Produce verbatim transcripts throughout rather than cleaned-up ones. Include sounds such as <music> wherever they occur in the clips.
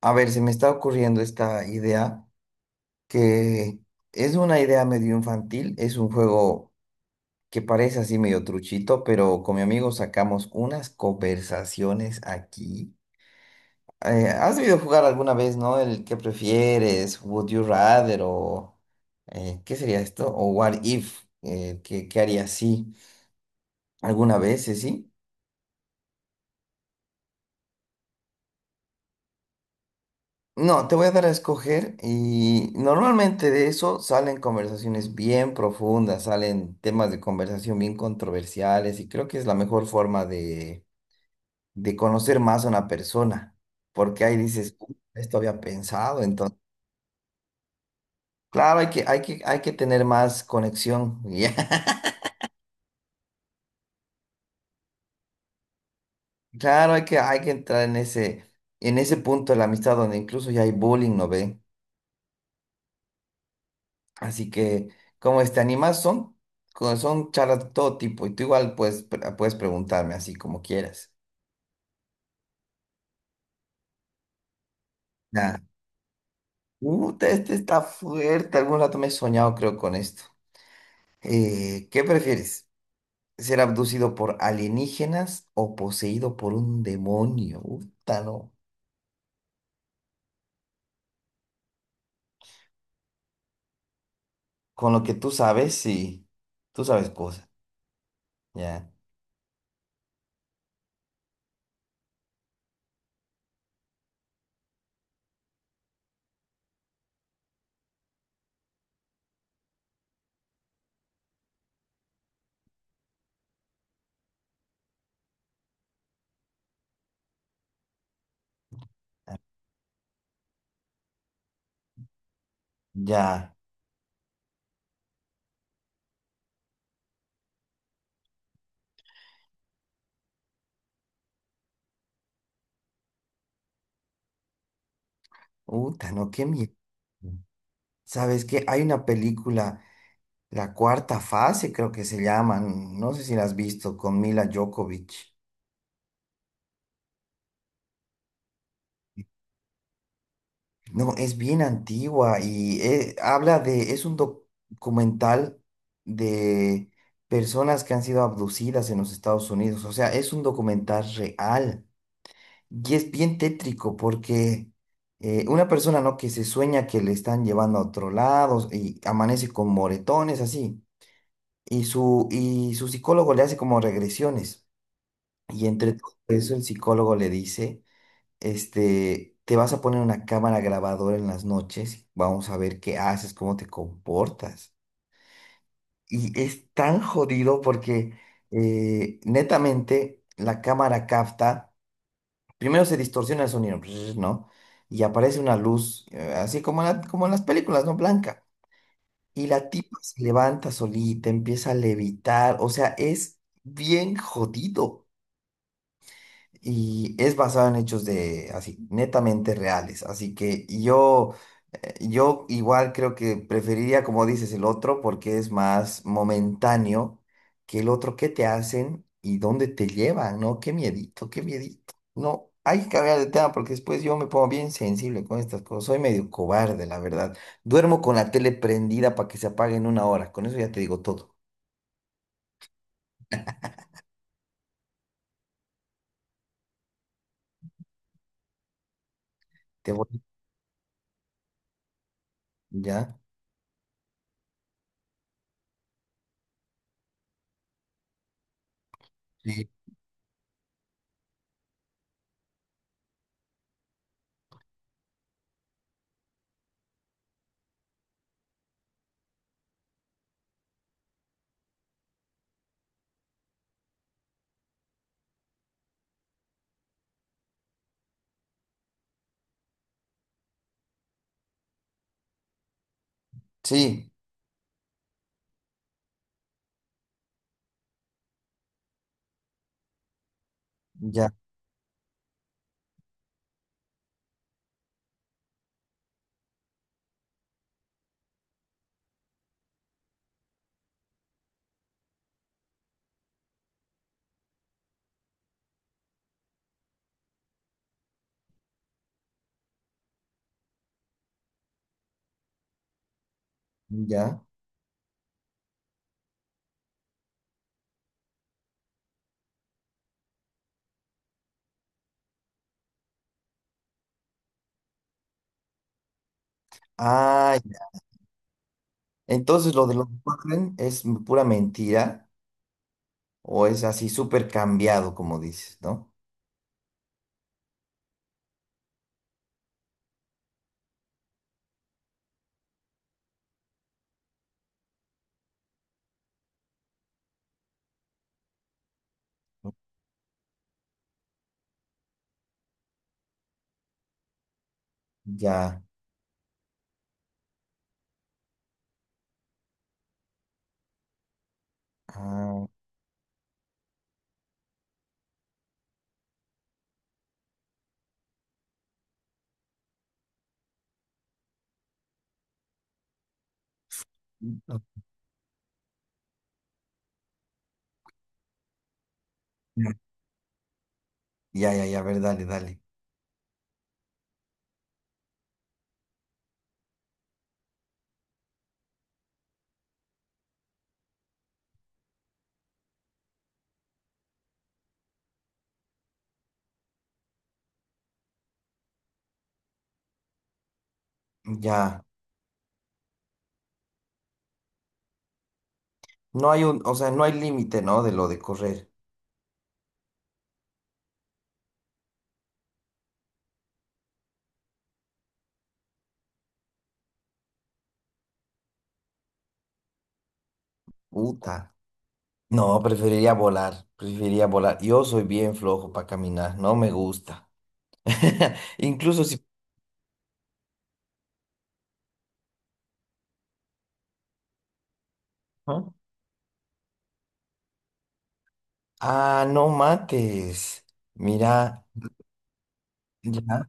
A ver, se me está ocurriendo esta idea que es una idea medio infantil, es un juego que parece así medio truchito, pero con mi amigo sacamos unas conversaciones aquí. Eh, ¿has debido jugar alguna vez, no? El que prefieres, Would You Rather o eh, ¿qué sería esto? O What If, eh, ¿qué, qué harías si? ¿Alguna vez, eh, sí? No, te voy a dar a escoger y normalmente de eso salen conversaciones bien profundas, salen temas de conversación bien controversiales y creo que es la mejor forma de, de conocer más a una persona, porque ahí dices, "Uh, esto había pensado, entonces, claro, hay que, hay que, hay que tener más conexión, <laughs> ya. Claro, hay que, hay que entrar en ese, en ese punto de la amistad donde incluso ya hay bullying, ¿no ve? Así que, como este, animas son, co- son charlas de todo tipo y tú igual puedes, pre- puedes preguntarme así como quieras. Nada. Uh, este está fuerte. Algún rato me he soñado, creo, con esto. Eh, ¿qué prefieres? ¿Ser abducido por alienígenas o poseído por un demonio? Uta, no. Con lo que tú sabes, sí. Tú sabes cosas. Ya. Ya. Uta, no, qué miedo. ¿Sabes qué? Hay una película. La cuarta fase creo que se llaman, no sé si la has visto, con Mila Djokovic. No, es bien antigua y eh, habla de, es un documental de personas que han sido abducidas en los Estados Unidos, o sea, es un documental real y es bien tétrico porque eh, una persona, ¿no? que se sueña que le están llevando a otro lado y amanece con moretones así y su, y su psicólogo le hace como regresiones. Y entre todo eso, el psicólogo le dice, este, te vas a poner una cámara grabadora en las noches, vamos a ver qué haces, cómo te comportas. Y es tan jodido porque eh, netamente la cámara capta, primero se distorsiona el sonido, <laughs> <smacks lips> ¿no? Y aparece una luz, eh, así como, en la- como en las películas, ¿no? Blanca. Y la tipa se levanta solita, empieza a levitar, o sea, es bien jodido. Y es basado en hechos de así, netamente reales. Así que yo, eh, yo igual creo que preferiría, como dices, el otro porque es más momentáneo que el otro que te hacen y dónde te llevan, ¿no? Qué miedito, qué miedito. No, hay que cambiar de tema porque después yo me pongo bien sensible con estas cosas. Soy medio cobarde, la verdad. Duermo con la tele prendida para que se apague en una hora. Con eso ya te digo todo. Te voy, ¿ya? Sí. Sí, ya, ya. Ah, entonces, lo de los Warren es pura mentira o es así súper cambiado, como dices, ¿no? Ya. Ah, ya, ya, ya, a ver, dale, dale. Ya. No hay un, o sea, no hay límite, ¿no? De lo de correr. Puta. No, preferiría volar, preferiría volar. Yo soy bien flojo para caminar, no me gusta. <laughs> Incluso si... ¿Ah? Ah, no mates. Mira, ya.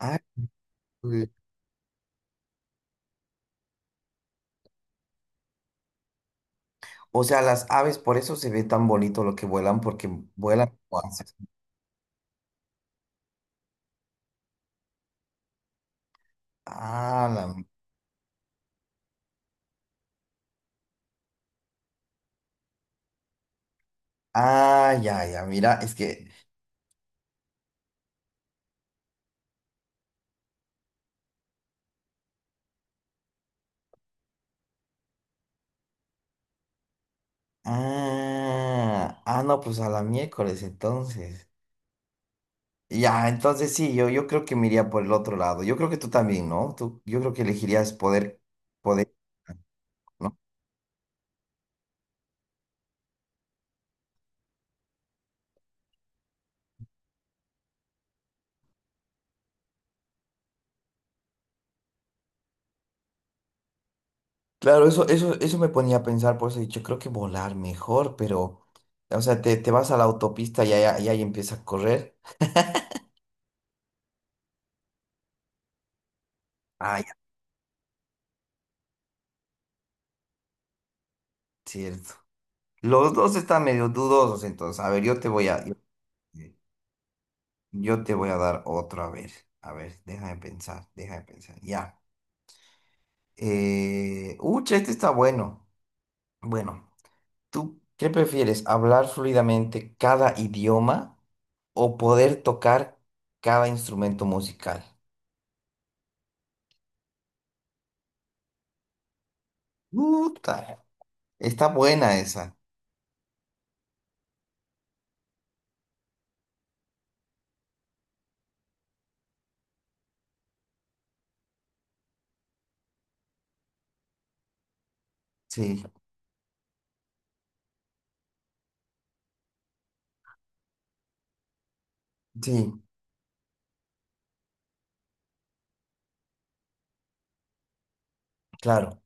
Ah. O sea, las aves, por eso se ve tan bonito lo que vuelan, porque vuelan como haces. Ah, la- ah, ya, ya, mira, es que. Ah, ah, no, pues a la miércoles entonces. Ya, entonces sí, yo, yo creo que me iría por el otro lado. Yo creo que tú también, ¿no? Tú, yo creo que elegirías poder, poder, ¿no? Claro, eso, eso, eso me ponía a pensar, por eso he dicho, creo que volar mejor, pero, o sea, te, te vas a la autopista y ahí, ahí ahí empieza a correr. Ah, ya, cierto. Los dos están medio dudosos, entonces. A ver, yo te voy a, yo, eh, yo te voy a dar otro, a ver. A ver, deja de pensar, deja de pensar. Ya. Eh, ucha, este está bueno. Bueno, ¿tú qué prefieres? ¿Hablar fluidamente cada idioma o poder tocar cada instrumento musical? Puta, está buena esa. Sí, sí, claro.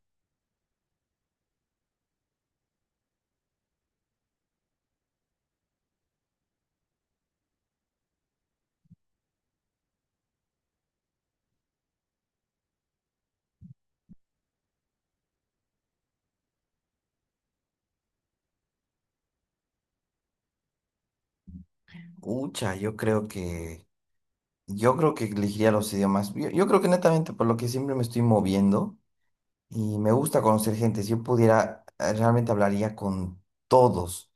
Ucha, yo creo que, yo creo que elegiría los idiomas. Yo, yo creo que netamente por lo que siempre me estoy moviendo. Y me gusta conocer gente. Si yo pudiera, eh, realmente hablaría con todos.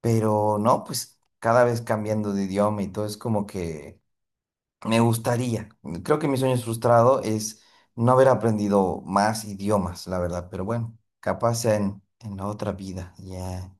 Pero no, pues cada vez cambiando de idioma y todo es como que me gustaría. Creo que mi sueño frustrado es no haber aprendido más idiomas, la verdad. Pero bueno, capaz sea en, en la otra vida. Ya.